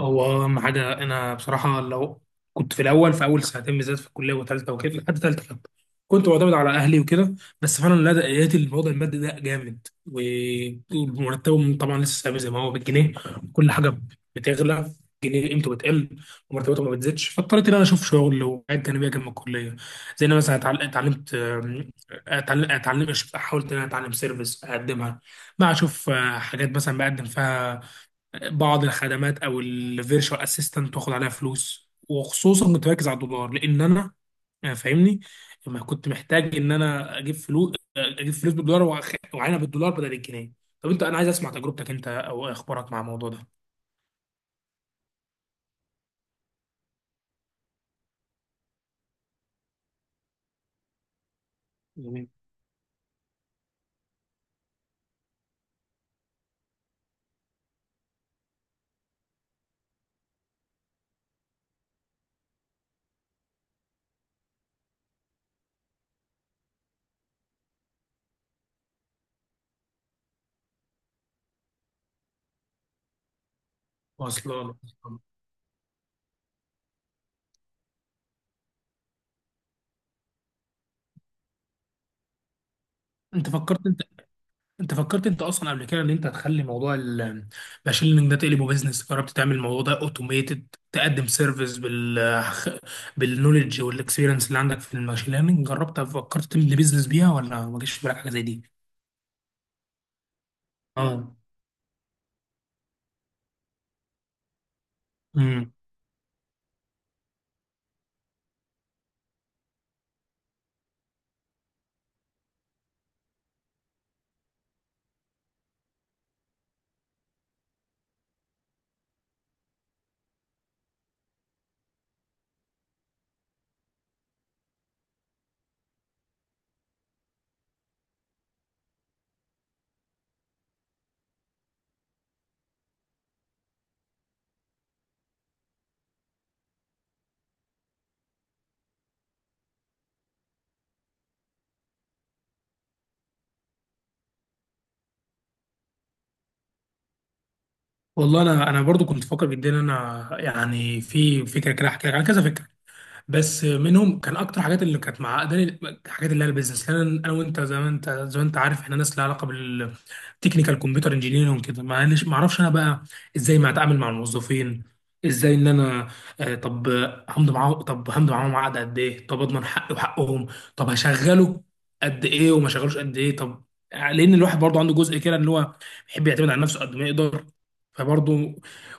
هو اهم حاجه، انا بصراحه لو كنت في اول سنتين بالذات في الكليه وثالثه وكده، لحد ثالثه كده كنت معتمد على اهلي وكده. بس فعلا لا، لقيت الوضع المادي ده جامد، ومرتبهم طبعا لسه ثابت زي ما هو بالجنيه. كل حاجه بتغلى، الجنيه قيمته بتقل، ومرتباته ما بتزيدش، فاضطريت ان انا اشوف شغل وحاجات جانبيه جنب الكليه. زي انا مثلا اتعلمت، حاولت ان انا اتعلم سيرفيس اقدمها. بقى اشوف حاجات، مثلا بقدم فيها بعض الخدمات او الفيرشوال اسيستنت، واخد عليها فلوس، وخصوصا كنت مركز على الدولار لان انا، فاهمني، لما كنت محتاج ان انا اجيب فلوس، اجيب فلوس بالدولار واعينها بالدولار بدل الجنيه. طب انت، انا عايز اسمع تجربتك انت او اخبارك مع الموضوع ده. جميل، واصله لك. انت فكرت انت فكرت انت اصلا قبل كده ان انت تخلي موضوع الماشين ليرنينج ده تقلبه بيزنس؟ جربت تعمل الموضوع ده اوتوميتد، تقدم سيرفيس بالنولج والاكسبيرينس اللي عندك في الماشين ليرنينج؟ جربت، فكرت تعمل بيزنس بيها، ولا ما جاش في بالك حاجه زي دي؟ اه. امم والله انا، برضو كنت فاكر جدا ان انا يعني في فكره كده، احكي لك على كذا فكره. بس منهم كان اكتر حاجات اللي كانت معقداني الحاجات اللي هي البيزنس، لان انا وانت زي ما انت عارف، احنا ناس لها علاقه بالتكنيكال، كمبيوتر انجينيرنج وكده. معلش، ما اعرفش انا بقى ازاي ما اتعامل مع الموظفين، ازاي ان انا، طب همضي معاهم عقد قد ايه، طب اضمن حقي وحقهم، طب هشغله قد ايه وما شغلوش قد ايه، طب، لان الواحد برضه عنده جزء كده اللي هو بيحب يعتمد على نفسه قد ما يقدر. فبرضه،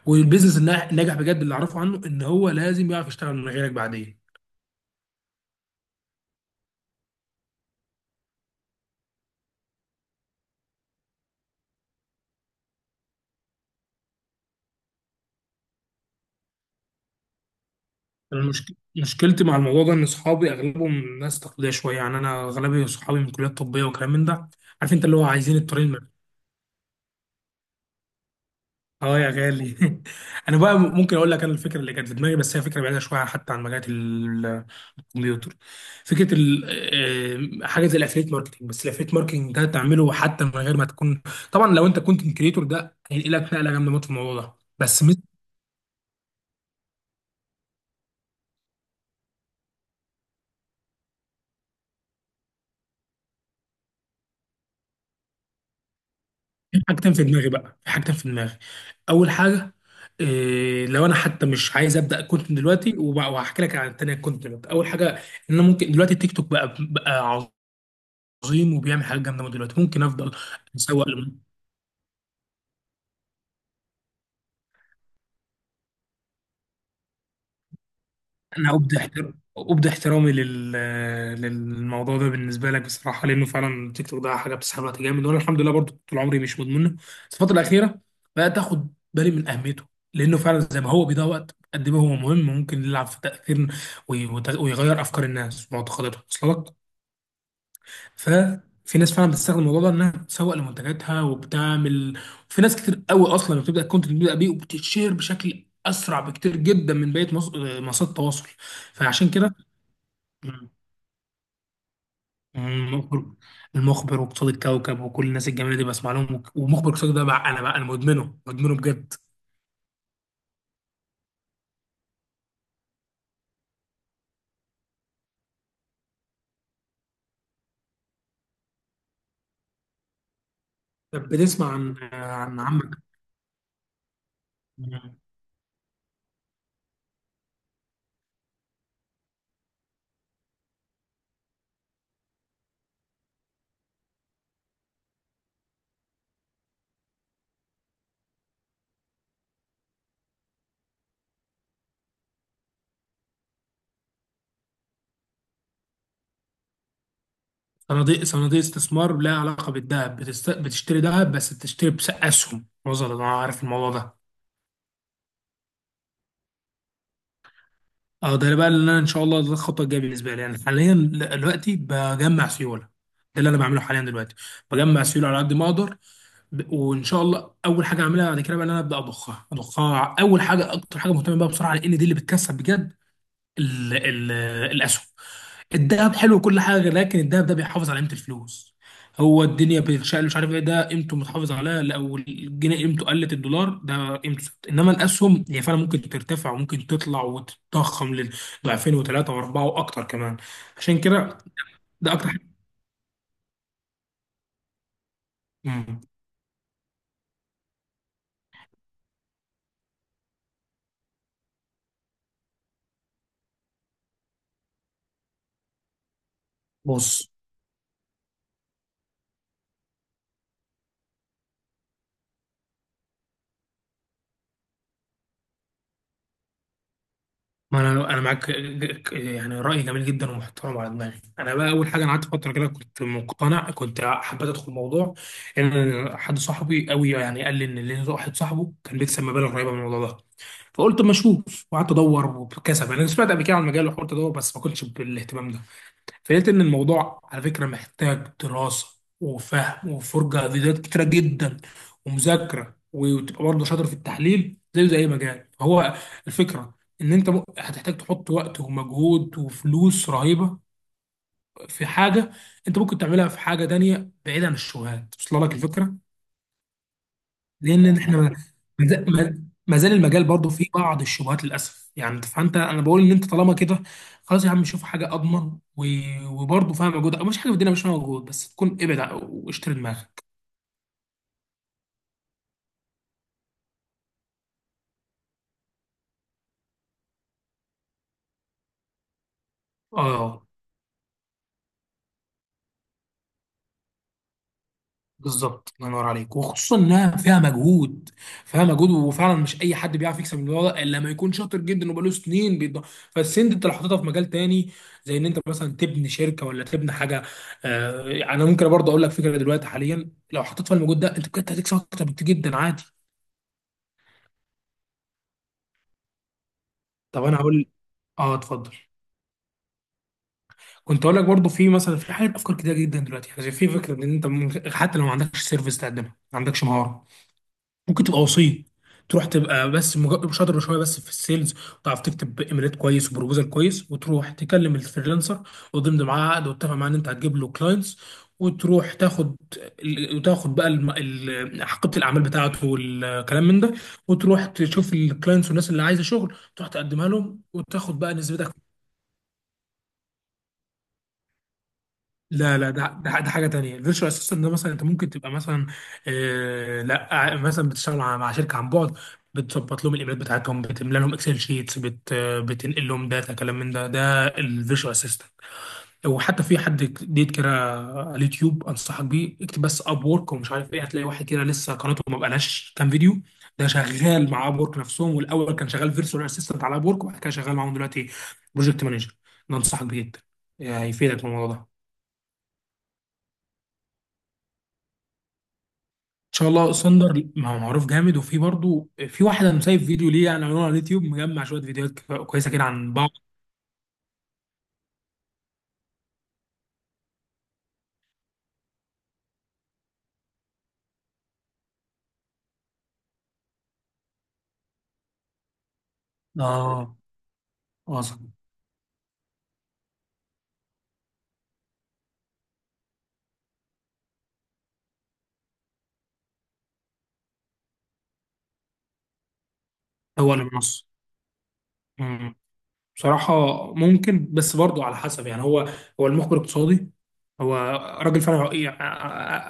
والبيزنس الناجح بجد اللي اعرفه عنه ان هو لازم يعرف يشتغل من غيرك بعدين. مشكلتي مع الموضوع ده ان صحابي اغلبهم ناس تقليديه شويه، يعني انا اغلبي صحابي من كليات طبيه وكلام من ده. عارف انت، اللي هو عايزين الطريق المرسي. اه يا غالي انا بقى ممكن اقول لك انا الفكره اللي كانت في دماغي، بس هي فكره بعيده شويه حتى عن مجالات الكمبيوتر. فكره ال... آه، حاجه زي الافليت ماركتنج. بس الافليت ماركتنج ده تعمله حتى من غير ما تكون، طبعا لو انت كنت كريتور ده هينقلك نقله جامده موت في الموضوع ده. بس في حاجتين في دماغي. اول حاجه، إيه لو انا حتى مش عايز ابدا كنت من دلوقتي، وهحكي لك عن التانيه. كنت دلوقتي اول حاجه ان انا ممكن دلوقتي التيك توك بقى عظيم، وبيعمل حاجات جامده، من دلوقتي ممكن افضل اسوق. انا ابدي احترامي للموضوع ده بالنسبه لك بصراحه، لانه فعلا التيك توك ده حاجه بتسحب وقت جامد، وانا الحمد لله برضو طول عمري مش مدمنه. بس الفتره الاخيره بقيت اخد بالي من اهميته، لانه فعلا زي ما هو بيضيع وقت، قد ما هو مهم ممكن يلعب في تاثير ويغير افكار الناس ومعتقداتهم. وصل لك؟ ففي ناس فعلا بتستخدم الموضوع ده انها تسوق لمنتجاتها وبتعمل، في ناس كتير قوي اصلا بتبدا الكونتنت بيبدا بيه، وبتتشير بشكل اسرع بكتير جدا من بقيه منصات التواصل. فعشان كده. مم. المخبر المخبر وقصاد الكوكب وكل الناس الجميله دي بسمع لهم، ومخبر قصاد ده بقى، انا مدمنه مدمنه بجد. طب بتسمع عن عمك؟ مم. صناديق استثمار لها علاقه بالذهب، بتشتري ذهب، بس بتشتري بس اسهم. وصل، انا عارف الموضوع ده. اه ده بقى اللي انا ان شاء الله، ده الخطوه الجايه بالنسبه لي، يعني حاليا دلوقتي بجمع سيوله. ده اللي انا بعمله حاليا دلوقتي، بجمع سيوله على قد ما اقدر، وان شاء الله اول حاجه اعملها بعد كده بقى ان انا ابدا اضخها. اول حاجه، اكتر حاجه مهتم بيها بصراحه لان دي اللي بتكسب بجد، ال ال الاسهم. الذهب حلو وكل حاجه، لكن الذهب ده بيحافظ على قيمه الفلوس. هو الدنيا بتشقلب مش عارف ايه، ده قيمته متحافظ عليها، لو الجنيه قيمته قلت الدولار ده قيمته ثابتة. انما الاسهم هي فعلا ممكن ترتفع وممكن تطلع وتتضخم لضعفين وثلاثه واربعه واكتر كمان. عشان كده ده اكتر حاجه. مم. بص، ما انا معاك، يعني راي جميل جدا ومحترم على دماغي. انا بقى اول حاجه، انا قعدت فتره كده كنت مقتنع، كنت حبيت ادخل الموضوع ان حد صاحبي قوي يعني قال لي ان ليه واحد صاحبه كان بيكسب مبالغ رهيبه من الموضوع ده. فقلت ما اشوف، وقعدت ادور وكسب، يعني انا سمعت قبل كده عن المجال وحاولت ادور بس ما كنتش بالاهتمام ده. فلقيت ان الموضوع على فكره محتاج دراسه وفهم وفرجه على فيديوهات كتيره جدا، ومذاكره، وتبقى برضه شاطر في التحليل زيه زي اي مجال. هو الفكره ان انت هتحتاج تحط وقت ومجهود وفلوس رهيبه في حاجه، انت ممكن تعملها في حاجه تانيه بعيد عن الشغلات. وصل لك الفكره؟ لان احنا، ما زال المجال برضه فيه بعض الشبهات للاسف، يعني فانت، انا بقول ان انت طالما كده خلاص يا عم شوف حاجه اضمن، وبرضه فيها مجهود. مفيش حاجه في الدنيا مش فيها مجهود، بس تكون ابعد واشتري دماغك. اه، بالظبط الله ينور عليك، وخصوصا انها فيها مجهود، فيها مجهود. وفعلا مش اي حد بيعرف يكسب الموضوع ده الا لما يكون شاطر جدا وبقاله سنين بيض. فالسن دي انت لو حطيتها في مجال تاني زي ان انت مثلا تبني شركه ولا تبني حاجه. آه، انا ممكن برضه اقول لك فكره دلوقتي، حاليا لو حطيت فيها المجهود ده انت بجد هتكسب اكتر بكتير جدا عادي. طب انا هقول، اه اتفضل. كنت اقول لك برضه في مثلا، في حاجات، افكار كتير جدا دلوقتي يعني. في فكره ان انت حتى لو ما عندكش سيرفيس تقدمها، ما عندكش مهاره، ممكن تبقى وسيط. تروح تبقى بس شاطر شويه بس في السيلز، وتعرف تكتب ايميلات كويس وبروبوزال كويس، وتروح تكلم الفريلانسر وتضمن معاه عقد، وتتفق معاه ان انت هتجيب له كلاينتس. وتروح تاخد وتاخد بقى حقيبه الاعمال بتاعته والكلام من ده، وتروح تشوف الكلاينتس والناس اللي عايزه شغل تروح تقدمها لهم وتاخد بقى نسبتك. لا لا، ده ده حاجه تانية. الفيرتشوال اسيستنت ده مثلا انت ممكن تبقى مثلا، آه لا، مثلا بتشتغل مع شركه عن بعد، بتظبط لهم الايميلات بتاعتهم، بتملى لهم اكسل شيتس، بت آه، بتنقل لهم داتا، كلام من ده، ده الفيرتشوال اسيستنت. وحتى في حد ديت كده على اليوتيوب انصحك بيه، اكتب بس اب وورك ومش عارف ايه، هتلاقي واحد كده لسه قناته ما بقالهاش كام فيديو. ده شغال مع اب وورك نفسهم، والاول كان شغال فيرتشوال اسيستنت على اب وورك، وبعد كده شغال معاهم دلوقتي بروجكت مانجر. ده انصحك بيه جدا، يعني هيفيدك في الموضوع ده. شاء الله سندر ما هو معروف جامد، وفي برضه في واحد انا مسايب فيديو ليه، يعني عاملينه على اليوتيوب مجمع شويه فيديوهات كويسه كده عن بعض. اه واثق. هو اللي بنص بصراحة ممكن، بس برضه على حسب. يعني هو، هو المخبر الاقتصادي هو راجل فعلا يعني،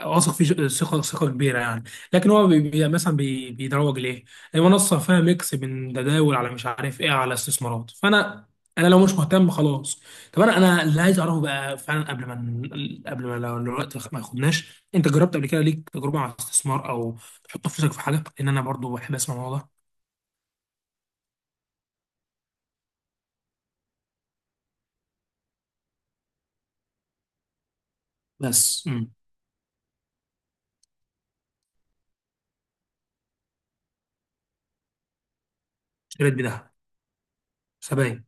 واثق فيه ثقة ثقة كبيرة يعني. لكن هو بي بي- مثلا بي بيدروج ليه؟ هي منصة فيها ميكس من تداول على مش عارف ايه، على استثمارات. فأنا، لو مش مهتم خلاص. طب أنا اللي عايز أعرفه بقى فعلا قبل ما قبل ما لو الوقت ما ياخدناش. أنت جربت قبل كده ليك تجربة على استثمار، أو تحط فلوسك في حاجة؟ لأن أنا برضه بحب أسمع الموضوع ده. بس. مم. اشتريت بدهب. سبايك.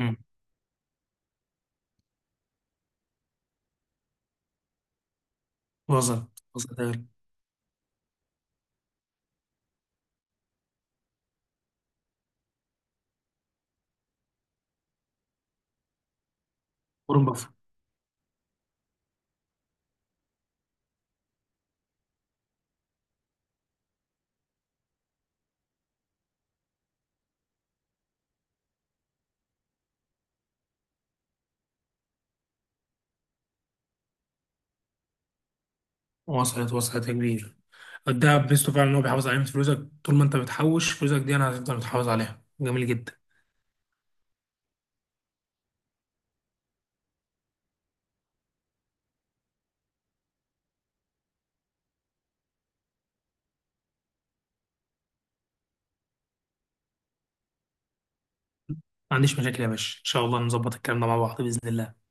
امم. وصلت، وصلت يا- غالي. قرون بفر. وصلت، وصلت يا كبير. الدهب ميزته فعلا ان هو بيحافظ على قيمه فلوسك، طول ما انت بتحوش فلوسك دي انا هتفضل متحافظ عليها، جميل جدا. ما عنديش مشاكل يا باشا، ان شاء الله نظبط الكلام ده مع بعض باذن الله.